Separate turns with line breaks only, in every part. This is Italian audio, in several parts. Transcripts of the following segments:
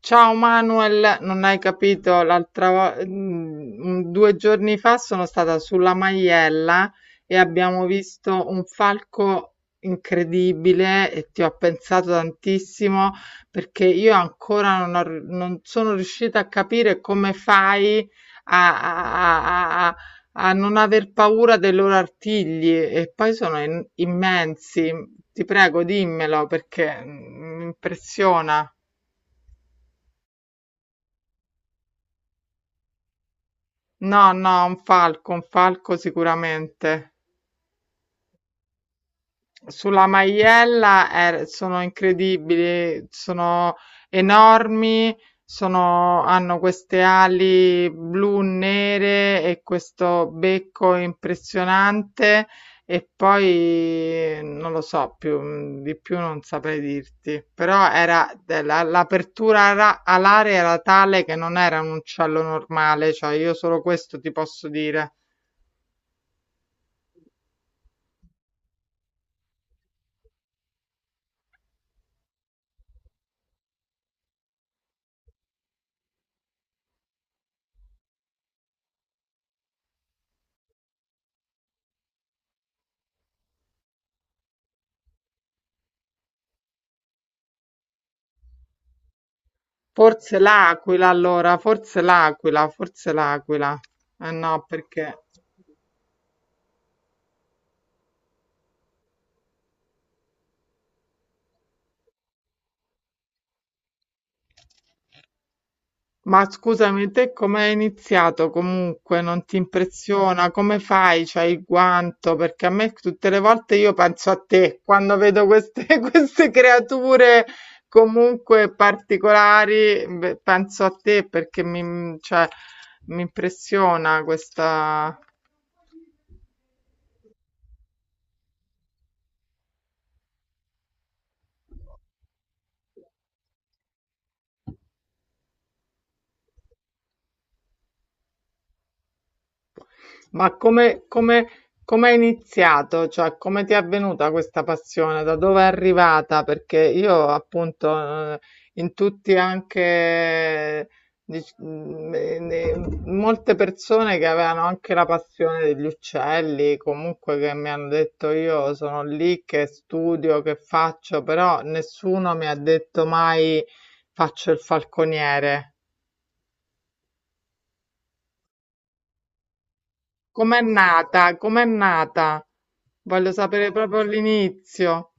Ciao Manuel, non hai capito, l'altra volta, due giorni fa sono stata sulla Maiella e abbiamo visto un falco incredibile e ti ho pensato tantissimo perché io ancora non, non sono riuscita a capire come fai a, a- a- a- a non aver paura dei loro artigli e poi sono immensi. Ti prego, dimmelo perché mi impressiona. No, no, un falco sicuramente. Sulla maiella sono incredibili, sono enormi, hanno queste ali blu nere e questo becco impressionante e poi non lo so più, di più non saprei dirti, però era l'apertura alare era tale che non era un uccello normale, cioè io solo questo ti posso dire. Forse l'aquila allora, forse l'aquila, forse l'aquila. Eh no, perché... Ma scusami, te come hai iniziato comunque? Non ti impressiona? Come fai? C'hai il guanto? Perché a me tutte le volte io penso a te quando vedo queste, queste creature comunque particolari, beh, penso a te perché mi, cioè, mi impressiona questa... Ma come è iniziato? Cioè, come ti è avvenuta questa passione? Da dove è arrivata? Perché io, appunto, in tutti anche, molte persone che avevano anche la passione degli uccelli, comunque che mi hanno detto io sono lì che studio, che faccio, però nessuno mi ha detto mai faccio il falconiere. Com'è nata? Com'è nata? Voglio sapere proprio all'inizio.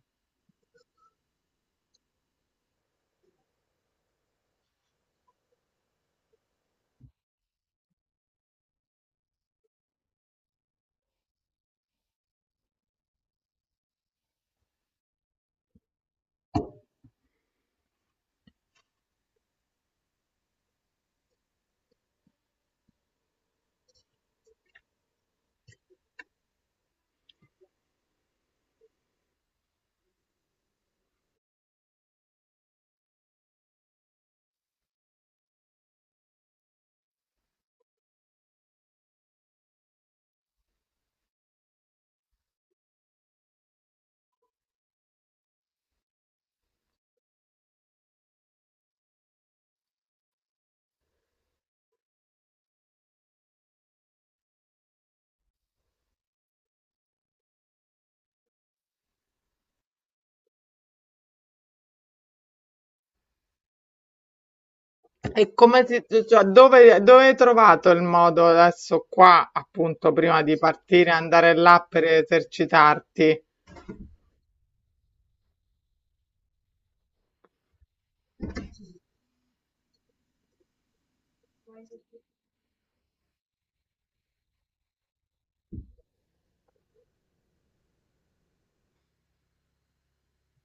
E cioè, dove hai trovato il modo adesso qua, appunto, prima di partire, andare là per esercitarti?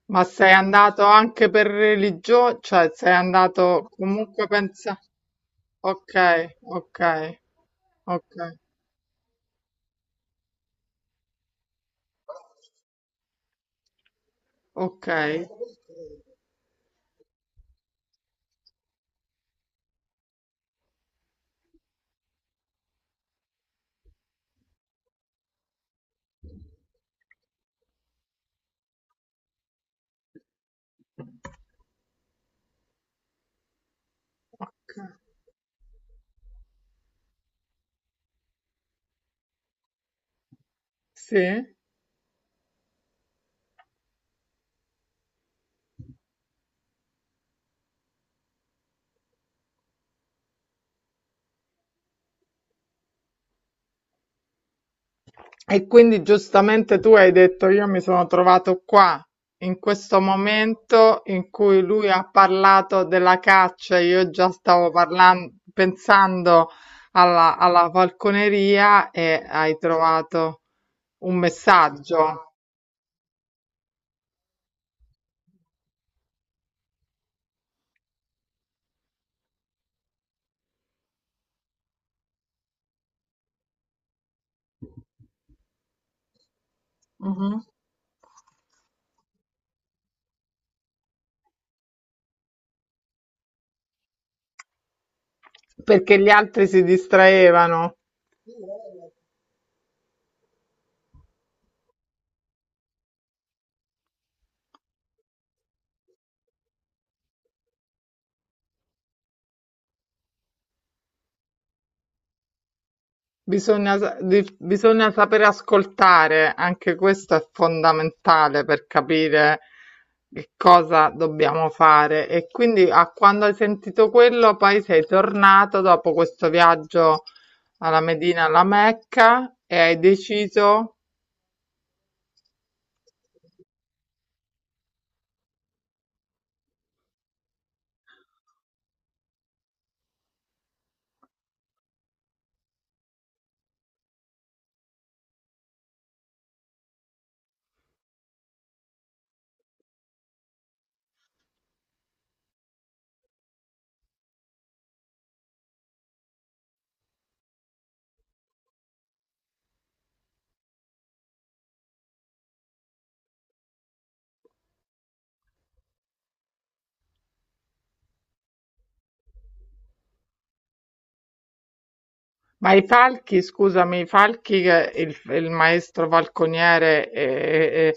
Ma sei andato anche per religione? Cioè, sei andato comunque pensa... Ok, ok, ok, ok, ok. Sì? E quindi giustamente tu hai detto, io mi sono trovato qua, in questo momento in cui lui ha parlato della caccia, io già stavo parlando, pensando alla falconeria e hai trovato un messaggio. Mhm. Perché gli altri si distraevano. Bisogna saper ascoltare, anche questo è fondamentale per capire che cosa dobbiamo fare. E quindi a quando hai sentito quello, poi sei tornato dopo questo viaggio alla Medina, alla Mecca, e hai deciso. Ma i falchi, scusami, i falchi che il maestro falconiere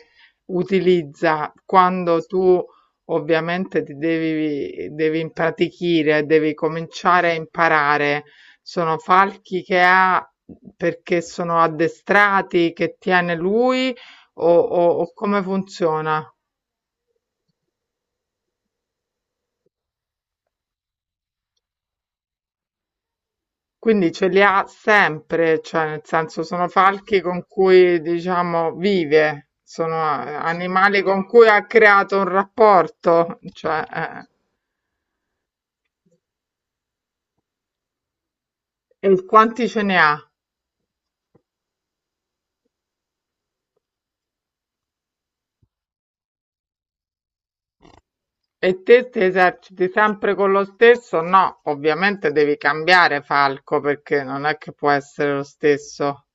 utilizza quando tu ovviamente devi impratichire, devi cominciare a imparare, sono falchi che ha perché sono addestrati, che tiene lui o come funziona? Quindi ce li ha sempre, cioè nel senso sono falchi con cui diciamo vive, sono animali con cui ha creato un rapporto, cioè, eh. E quanti ce ne ha? E te ti eserciti sempre con lo stesso? No, ovviamente devi cambiare falco perché non è che può essere lo stesso.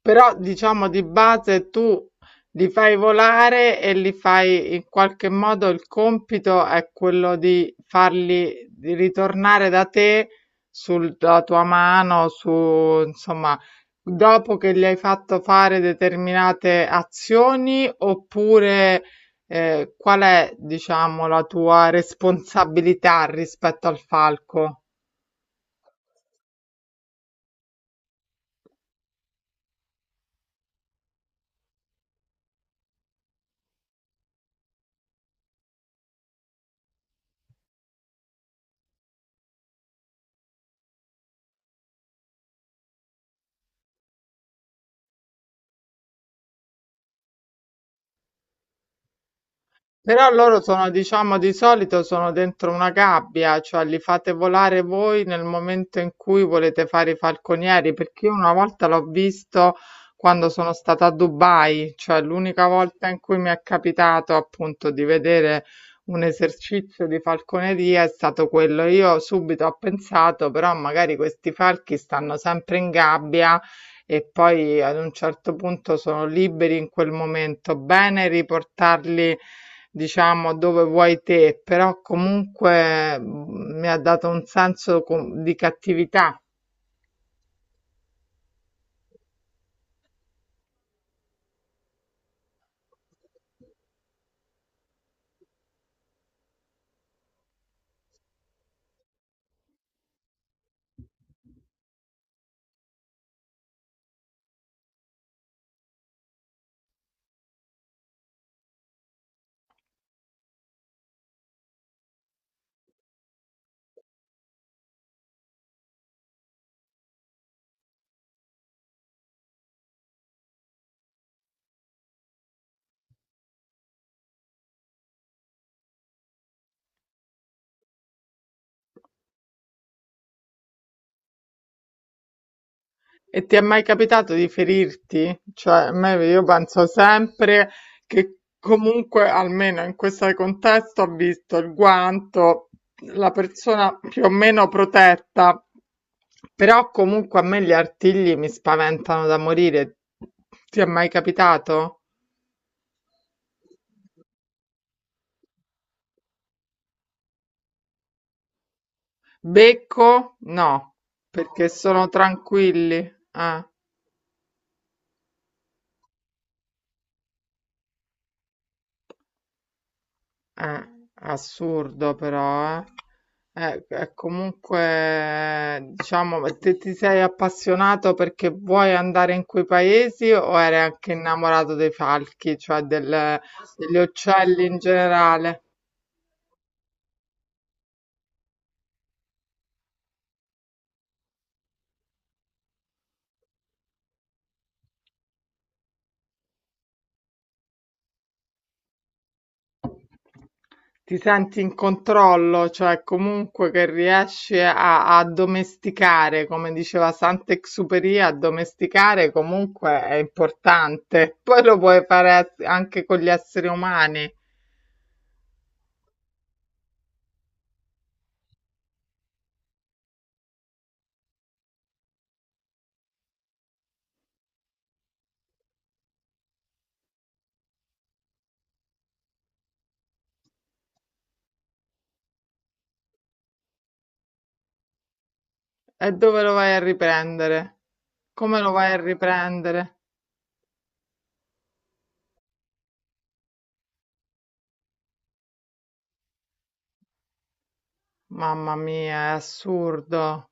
Però diciamo di base tu li fai volare e li fai in qualche modo il compito è quello di farli di ritornare da te sulla tua mano, su insomma, dopo che gli hai fatto fare determinate azioni oppure qual è, diciamo, la tua responsabilità rispetto al falco? Però loro sono, diciamo, di solito sono dentro una gabbia, cioè li fate volare voi nel momento in cui volete fare i falconieri, perché io una volta l'ho visto quando sono stata a Dubai, cioè l'unica volta in cui mi è capitato appunto di vedere un esercizio di falconeria è stato quello. Io subito ho pensato, però magari questi falchi stanno sempre in gabbia e poi ad un certo punto sono liberi in quel momento, bene riportarli diciamo dove vuoi te, però comunque mi ha dato un senso di cattività. E ti è mai capitato di ferirti? Cioè, io penso sempre che comunque, almeno in questo contesto, ho visto il guanto, la persona più o meno protetta, però comunque a me gli artigli mi spaventano da morire. Ti è mai capitato? Becco no, perché sono tranquilli. Eh, eh, assurdo però, eh. Comunque, diciamo, ma te ti sei appassionato perché vuoi andare in quei paesi o eri anche innamorato dei falchi, degli uccelli in generale? Ti senti in controllo, cioè comunque che riesci a domesticare, come diceva Sant'Exupéry, addomesticare comunque è importante. Poi lo puoi fare anche con gli esseri umani. E dove lo vai a riprendere? Come lo vai a riprendere? Mamma mia, è assurdo.